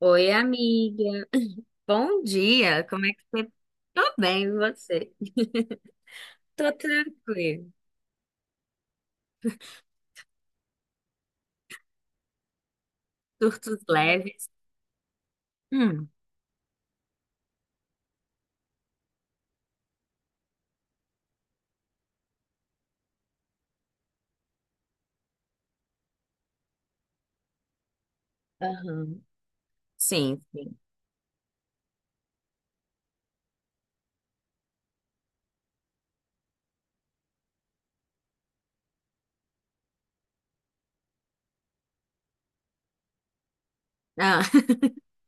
Oi, amiga. Bom dia. Como é que você? Tá? Tô bem, e você? Tô tranquila. Surtos leves. Hum, aham. Sim, sim. Ah,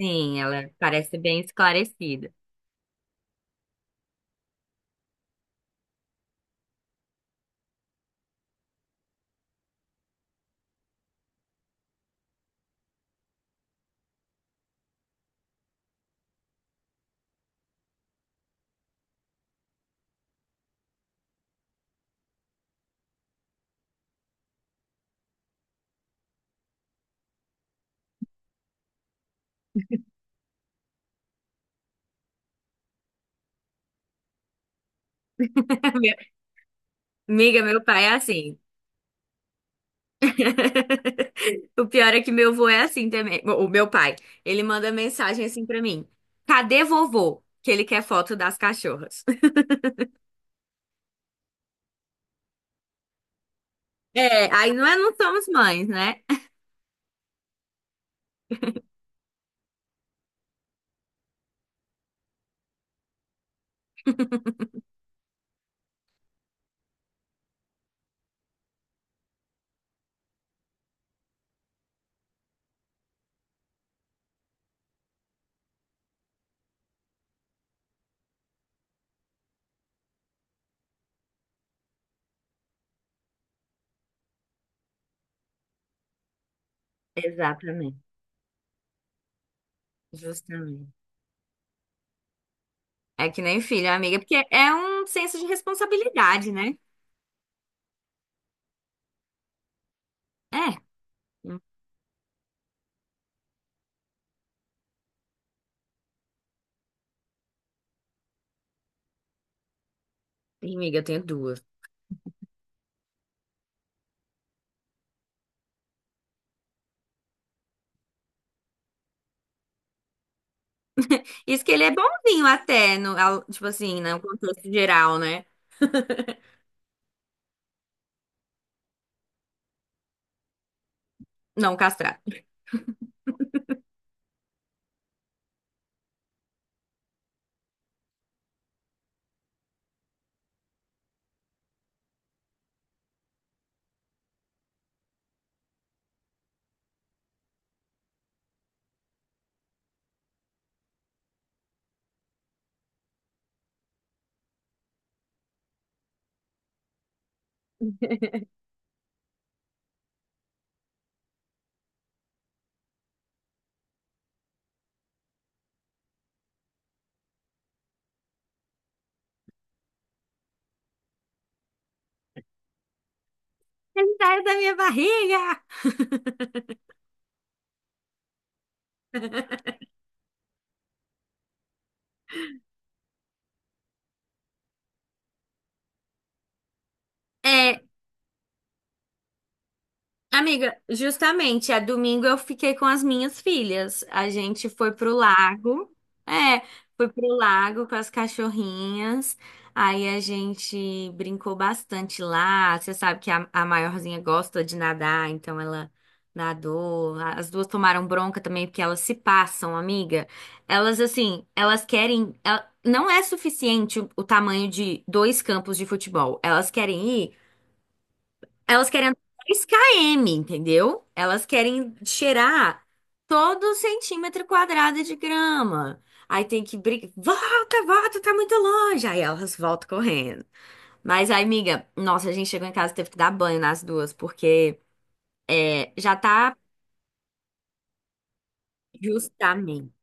sim, ela parece bem esclarecida. Meu- amiga, meu pai é assim. O pior é que meu avô é assim também. O meu pai, ele manda mensagem assim pra mim: cadê vovô? Que ele quer foto das cachorras. É, aí não é, não somos mães, né? Exatamente. Justamente. É que nem filho, amiga, porque é um senso de responsabilidade, né? É. Ih, amiga, eu tenho duas. Isso que ele é bonzinho até, tipo assim, no contexto geral, né? Não castrado. Ele saiu da minha barriga! É, amiga, justamente, a domingo eu fiquei com as minhas filhas. A gente foi pro lago. É, foi pro lago com as cachorrinhas. Aí a gente brincou bastante lá. Você sabe que a maiorzinha gosta de nadar, então ela nadou. As duas tomaram bronca também, porque elas se passam, amiga. Elas, assim, elas querem. Não é suficiente o tamanho de dois campos de futebol. Elas querem ir. Elas querem andar 10 km, entendeu? Elas querem cheirar todo centímetro quadrado de grama. Aí tem que brigar. Volta, volta, tá muito longe. Aí elas voltam correndo. Mas aí, amiga, nossa, a gente chegou em casa e teve que dar banho nas duas, porque é, já tá justamente.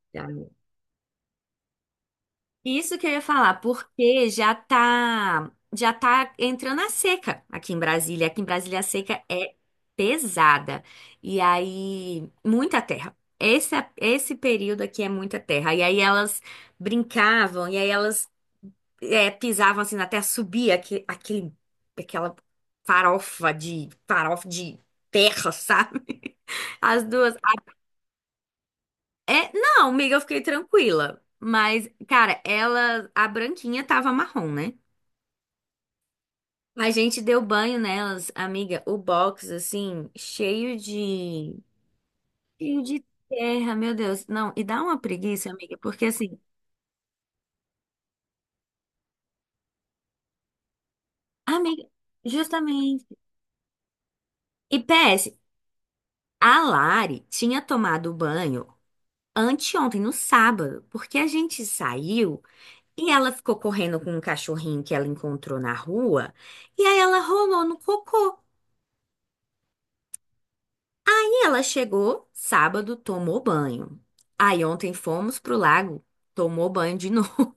Isso que eu ia falar, porque já tá entrando a seca aqui em Brasília. Aqui em Brasília a seca é pesada. E aí, muita terra. Esse período aqui é muita terra. E aí elas brincavam, e aí elas é, pisavam assim na terra, subia aquele, aquela farofa de terra, sabe? As duas. É, não, amiga, eu fiquei tranquila. Mas, cara, ela, a branquinha tava marrom, né? A gente deu banho nelas, amiga, o box, assim, cheio de. Cheio de terra, meu Deus. Não, e dá uma preguiça, amiga, porque assim, amiga, justamente. E PS, a Lari tinha tomado banho anteontem, no sábado, porque a gente saiu e ela ficou correndo com um cachorrinho que ela encontrou na rua, e aí ela rolou no cocô. Ela chegou sábado, tomou banho. Aí ontem fomos pro lago, tomou banho de novo.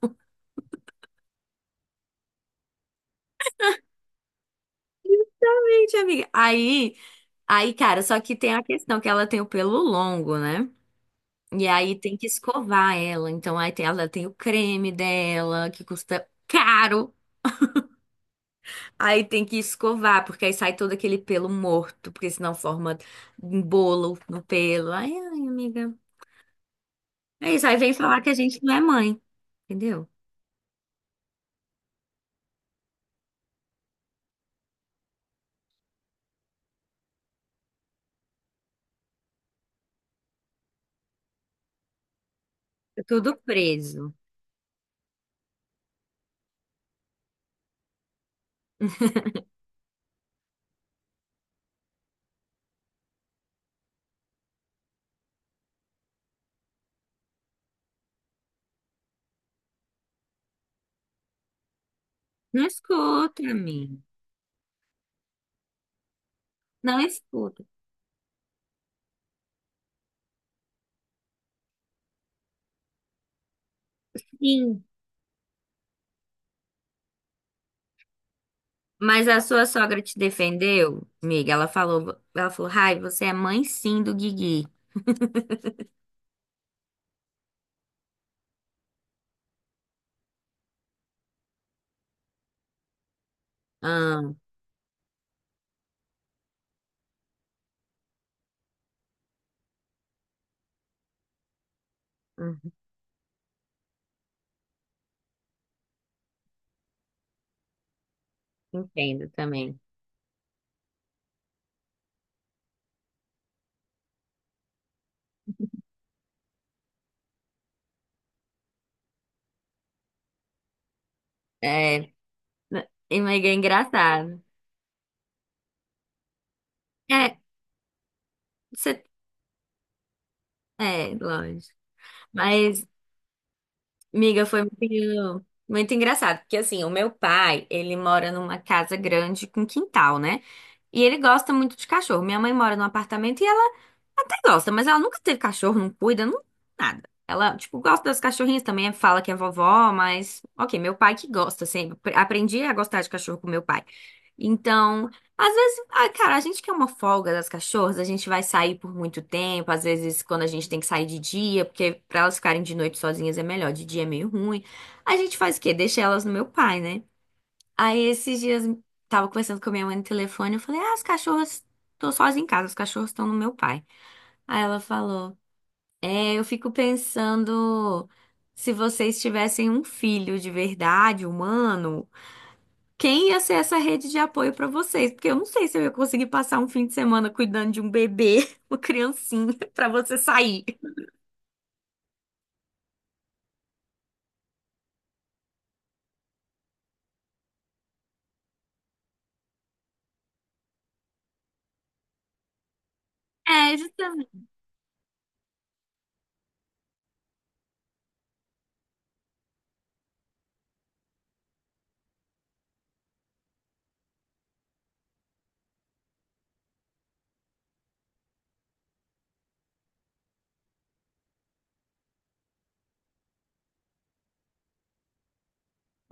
Gente, amiga. Aí, aí, cara, só que tem a questão que ela tem o pelo longo, né? E aí tem que escovar ela. Então ela tem o creme dela, que custa caro. Aí tem que escovar, porque aí sai todo aquele pelo morto, porque senão forma um bolo no pelo. Ai, ai, amiga. É isso, aí vem falar que a gente não é mãe, entendeu? É tudo preso. Não escuta, amiga. Não escuta. Sim. Mas a sua sogra te defendeu, amiga? Ela falou, Rai, você é mãe sim do Guigui. Ah, uhum, entendo também. É, amiga, é engraçado. É, você, é, lógico. Mas, amiga, foi muito, muito engraçado, porque assim, o meu pai, ele mora numa casa grande com quintal, né? E ele gosta muito de cachorro. Minha mãe mora num apartamento e ela até gosta, mas ela nunca teve cachorro, não cuida, não, nada. Ela, tipo, gosta das cachorrinhas também, fala que é vovó, mas, ok, meu pai que gosta sempre. Aprendi a gostar de cachorro com meu pai. Então, às vezes, ah, cara, a gente quer uma folga das cachorras, a gente vai sair por muito tempo, às vezes quando a gente tem que sair de dia, porque pra elas ficarem de noite sozinhas é melhor, de dia é meio ruim. A gente faz o quê? Deixa elas no meu pai, né? Aí esses dias tava conversando com a minha mãe no telefone, eu falei, ah, as cachorras, tô sozinha em casa, as cachorras estão no meu pai. Aí ela falou: é, eu fico pensando se vocês tivessem um filho de verdade, humano, quem ia ser essa rede de apoio pra vocês? Porque eu não sei se eu ia conseguir passar um fim de semana cuidando de um bebê, uma criancinha, pra você sair. É, justamente.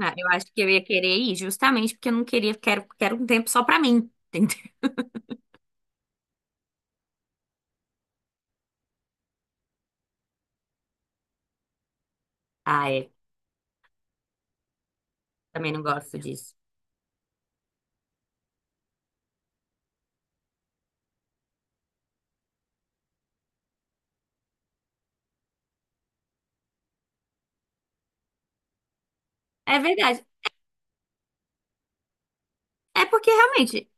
Ah, eu acho que eu ia querer ir, justamente porque eu não queria, quero, quero um tempo só pra mim, entendeu? Ah, é. Também não gosto disso. É verdade. É porque realmente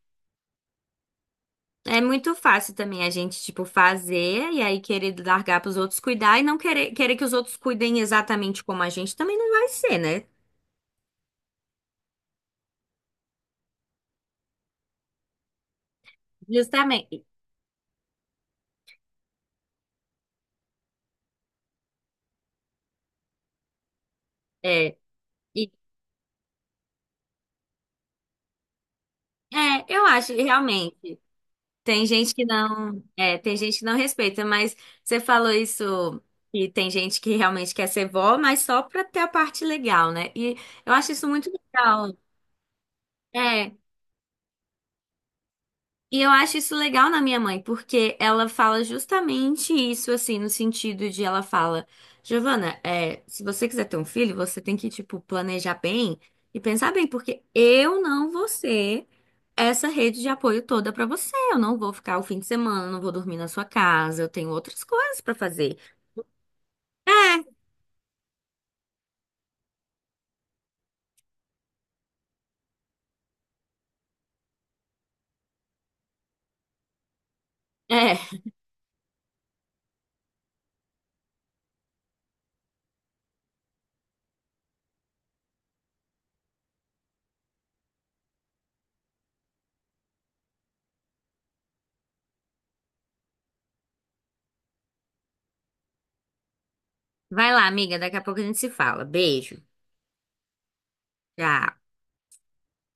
é muito fácil também a gente, tipo, fazer e aí querer largar pros outros cuidar e não querer, querer que os outros cuidem exatamente como a gente também não vai ser, né? Justamente. É, e, eu acho, e realmente. Tem gente que não, é, tem gente que não respeita, mas você falou isso e tem gente que realmente quer ser vó, mas só pra ter a parte legal, né? E eu acho isso muito legal. É, e eu acho isso legal na minha mãe, porque ela fala justamente isso, assim, no sentido de ela fala, Giovana, é, se você quiser ter um filho, você tem que, tipo, planejar bem e pensar bem, porque eu não vou ser essa rede de apoio toda pra você. Eu não vou ficar o fim de semana, não vou dormir na sua casa, eu tenho outras coisas pra fazer. É, é. Vai lá, amiga, daqui a pouco a gente se fala. Beijo. Tchau.